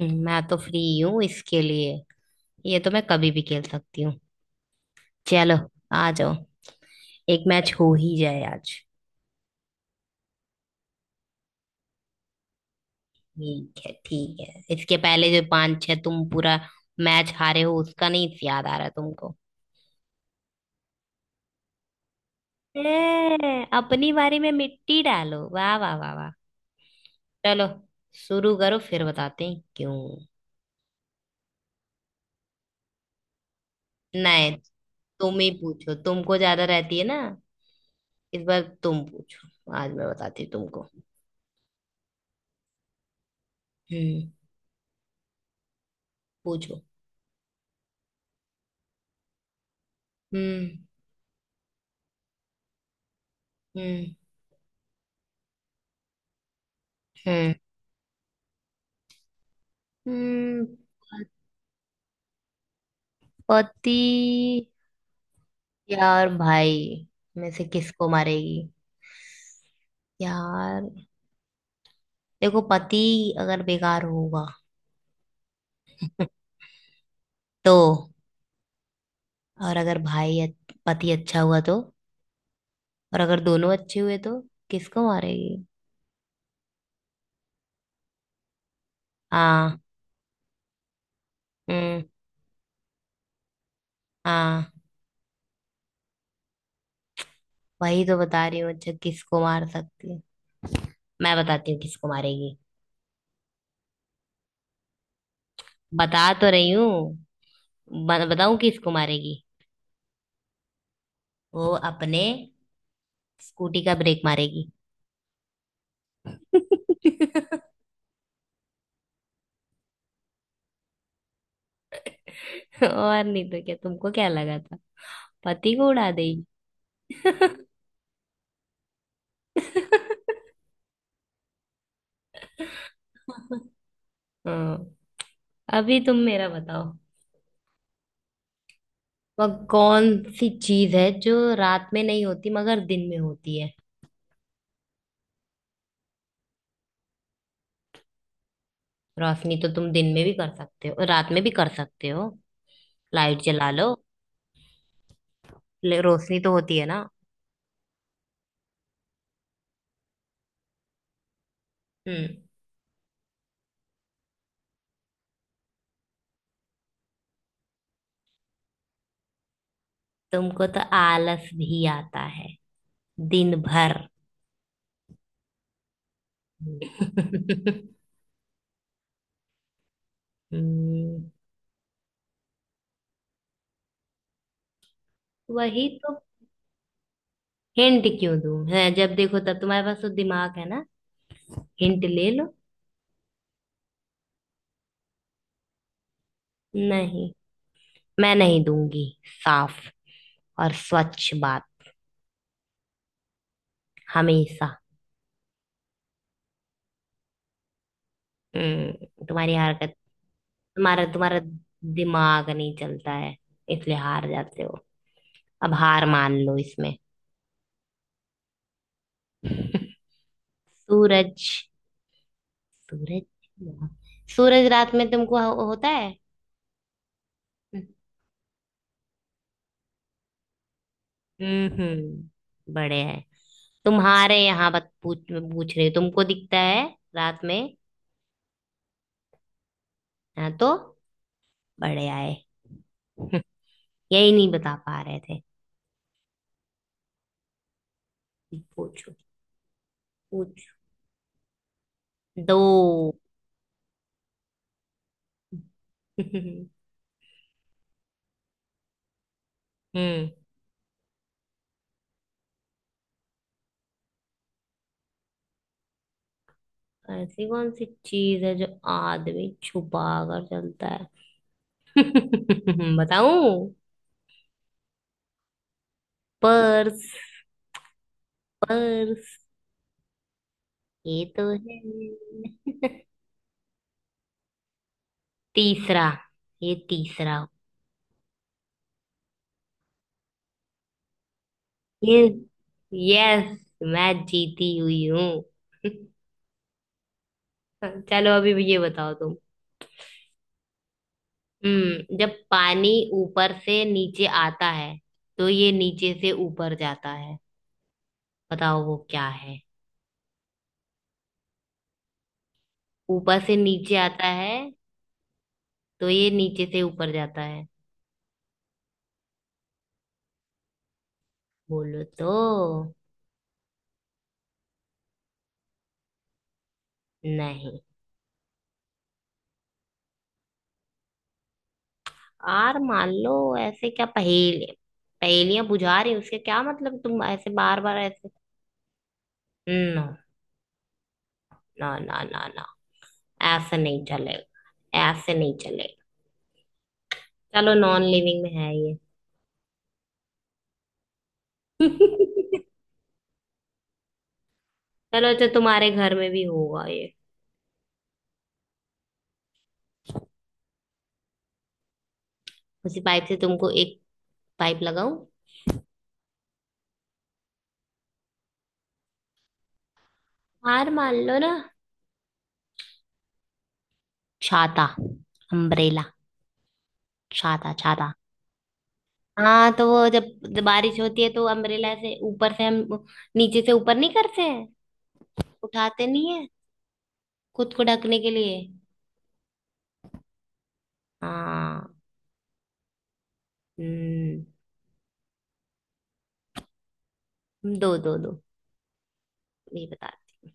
मैं तो फ्री हूँ इसके लिए। ये तो मैं कभी भी खेल सकती हूँ। चलो, आ जाओ। एक मैच हो ही जाए आज। ठीक है, ठीक है। इसके पहले जो पांच छह तुम पूरा मैच हारे हो, उसका नहीं याद आ रहा तुमको? ए, अपनी बारी में मिट्टी डालो। वाह वाह वाह वाह। चलो, शुरू करो। फिर बताते हैं क्यों। नहीं। तुम ही पूछो, तुमको ज्यादा रहती है ना। इस बार तुम पूछो, आज मैं बताती हूँ तुमको। हम्म। पूछो। हम्म। हम्म। हम्म। हम्म। पति। यार, भाई में से किसको मारेगी? यार देखो, पति अगर बेकार होगा तो। और अगर भाई पति अच्छा हुआ तो, और अगर दोनों अच्छे हुए तो किसको मारेगी? हाँ। हम्म। हाँ, वही तो बता रही हूँ। अच्छा, किसको मार सकती है, मैं बताती हूँ किसको मारेगी। बता तो रही हूँ। बताऊँ किसको मारेगी? वो अपने स्कूटी का ब्रेक मारेगी। और नहीं तो क्या, तुमको क्या लगा था, पति को उड़ा देगी? हाँ, अभी तुम मेरा बताओ। वह कौन सी चीज है जो रात में नहीं होती मगर दिन में होती है? रोशनी तो तुम दिन में भी कर सकते हो, रात में भी कर सकते हो। लाइट जला लो। रोशनी तो होती है ना। हम्म। तुमको तो आलस भी आता है दिन भर। हम्म वही तो। हिंट क्यों दूं, है जब देखो तब तुम्हारे पास तो दिमाग है ना। हिंट ले लो। नहीं, मैं नहीं दूंगी। साफ और स्वच्छ बात। हमेशा। तुम्हारी हरकत। तुम्हारा तुम्हारा दिमाग नहीं चलता है, इसलिए हार जाते हो। अब हार मान लो इसमें। सूरज। सूरज। सूरज रात में तुमको होता है। हम्म। बड़े हैं। तुम्हारे यहाँ बात पूछ पूछ रही हूँ। तुमको दिखता है रात में? हाँ तो, बड़े आए। यही नहीं बता पा रहे थे। पूछो। पूछो। दो। हम्म। ऐसी कौन सी चीज है जो आदमी छुपा कर चलता है? बताऊं? पर्स। पर्स। ये तो है। तीसरा। ये तीसरा। ये। यस, मैं जीती हुई हूँ। चलो, अभी भी ये बताओ तुम। हम्म। जब पानी ऊपर से नीचे आता है, तो ये नीचे से ऊपर जाता है। बताओ वो क्या? ऊपर से नीचे आता है, तो ये नीचे से ऊपर जाता है। बोलो तो। नहीं। यार मान लो, ऐसे क्या पहेली, पहेलियां बुझा रही हो, उसके क्या मतलब, तुम ऐसे बार बार ऐसे। ना, ना ना ना ना। ऐसे नहीं चलेगा, ऐसे नहीं चलेगा। चलो, नॉन लिविंग में है ये। चलो अच्छा, तुम्हारे घर में भी होगा ये। उसी पाइप से तुमको एक पाइप लगाऊं। हार मान लो ना। छाता। अम्ब्रेला। छाता छाता। हाँ, तो वो जब जब बारिश होती है तो अम्ब्रेला से ऊपर से हम नीचे से ऊपर नहीं करते हैं, उठाते नहीं है, खुद को ढकने के लिए। हाँ। हम्म। दो दो दो। नहीं बताती।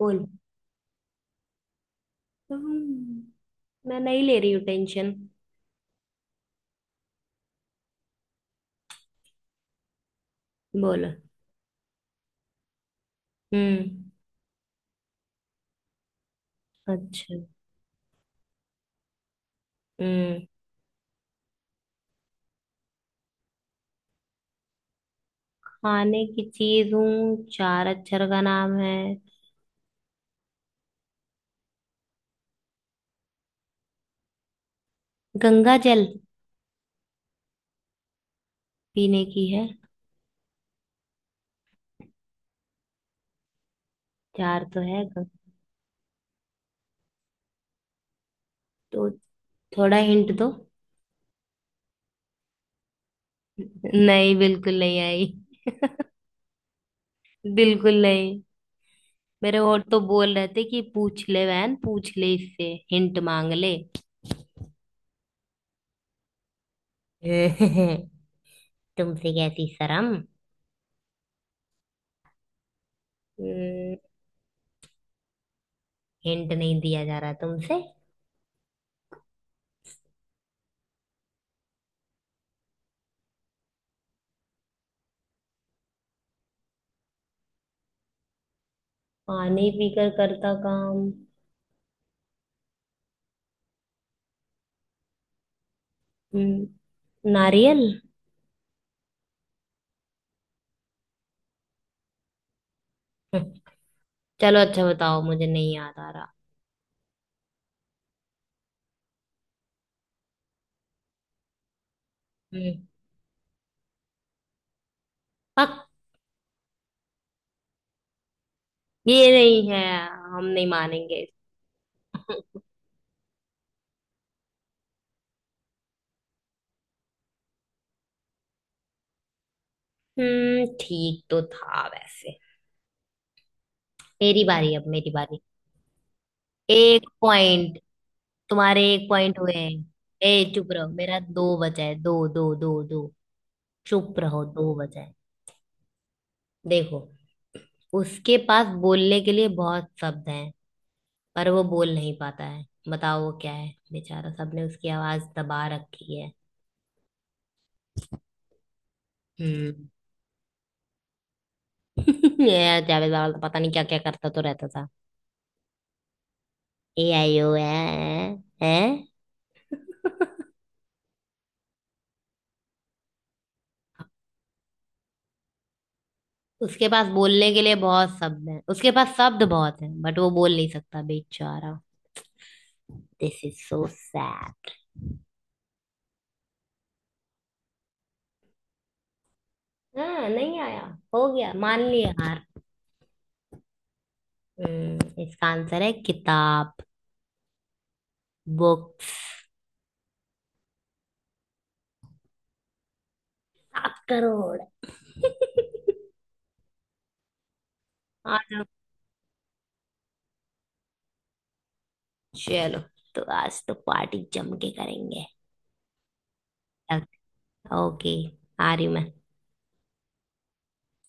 बोल। हम्म, मैं नहीं ले रही हूँ टेंशन। बोलो। हम्म। अच्छा। हम्म। खाने की चीज हूँ, चार अक्षर का नाम है। गंगा जल। पीने की है। चार तो है गं-। तो थोड़ा हिंट दो। नहीं, बिल्कुल नहीं आई। बिल्कुल नहीं। मेरे और तो बोल रहे थे कि पूछ ले, बहन पूछ ले इससे, हिंट मांग ले। तुमसे कैसी शर्म। हम्म, हिंट नहीं दिया जा रहा तुमसे। पानी पीकर करता काम। हम्म, नारियल। हम्म, चलो अच्छा बताओ, मुझे नहीं याद आ रहा। हम्म, पक। ये नहीं है, हम नहीं मानेंगे। ठीक तो था वैसे। मेरी बारी, अब मेरी बारी। एक पॉइंट। तुम्हारे एक पॉइंट हुए हैं। ए, चुप रहो, मेरा दो बचा है। दो दो दो दो। चुप रहो, दो बचा है। देखो, उसके पास बोलने के लिए बहुत शब्द हैं, पर वो बोल नहीं पाता है। बताओ वो क्या है, बेचारा, सबने उसकी आवाज दबा रखी है। हम्म। ये जावेद बाबा पता नहीं क्या क्या करता तो रहता था। ए आई ओ ए है। उसके पास बोलने के लिए बहुत शब्द हैं, उसके पास शब्द बहुत हैं, बट वो बोल नहीं सकता बेचारा। This is so sad. हाँ नहीं आया, हो गया, मान लिया हार। इसका आंसर है किताब। बुक्स। 7 करोड़। आ जाओ, चलो। तो आज तो पार्टी जम के करेंगे। ओके, आ रही हूँ मैं।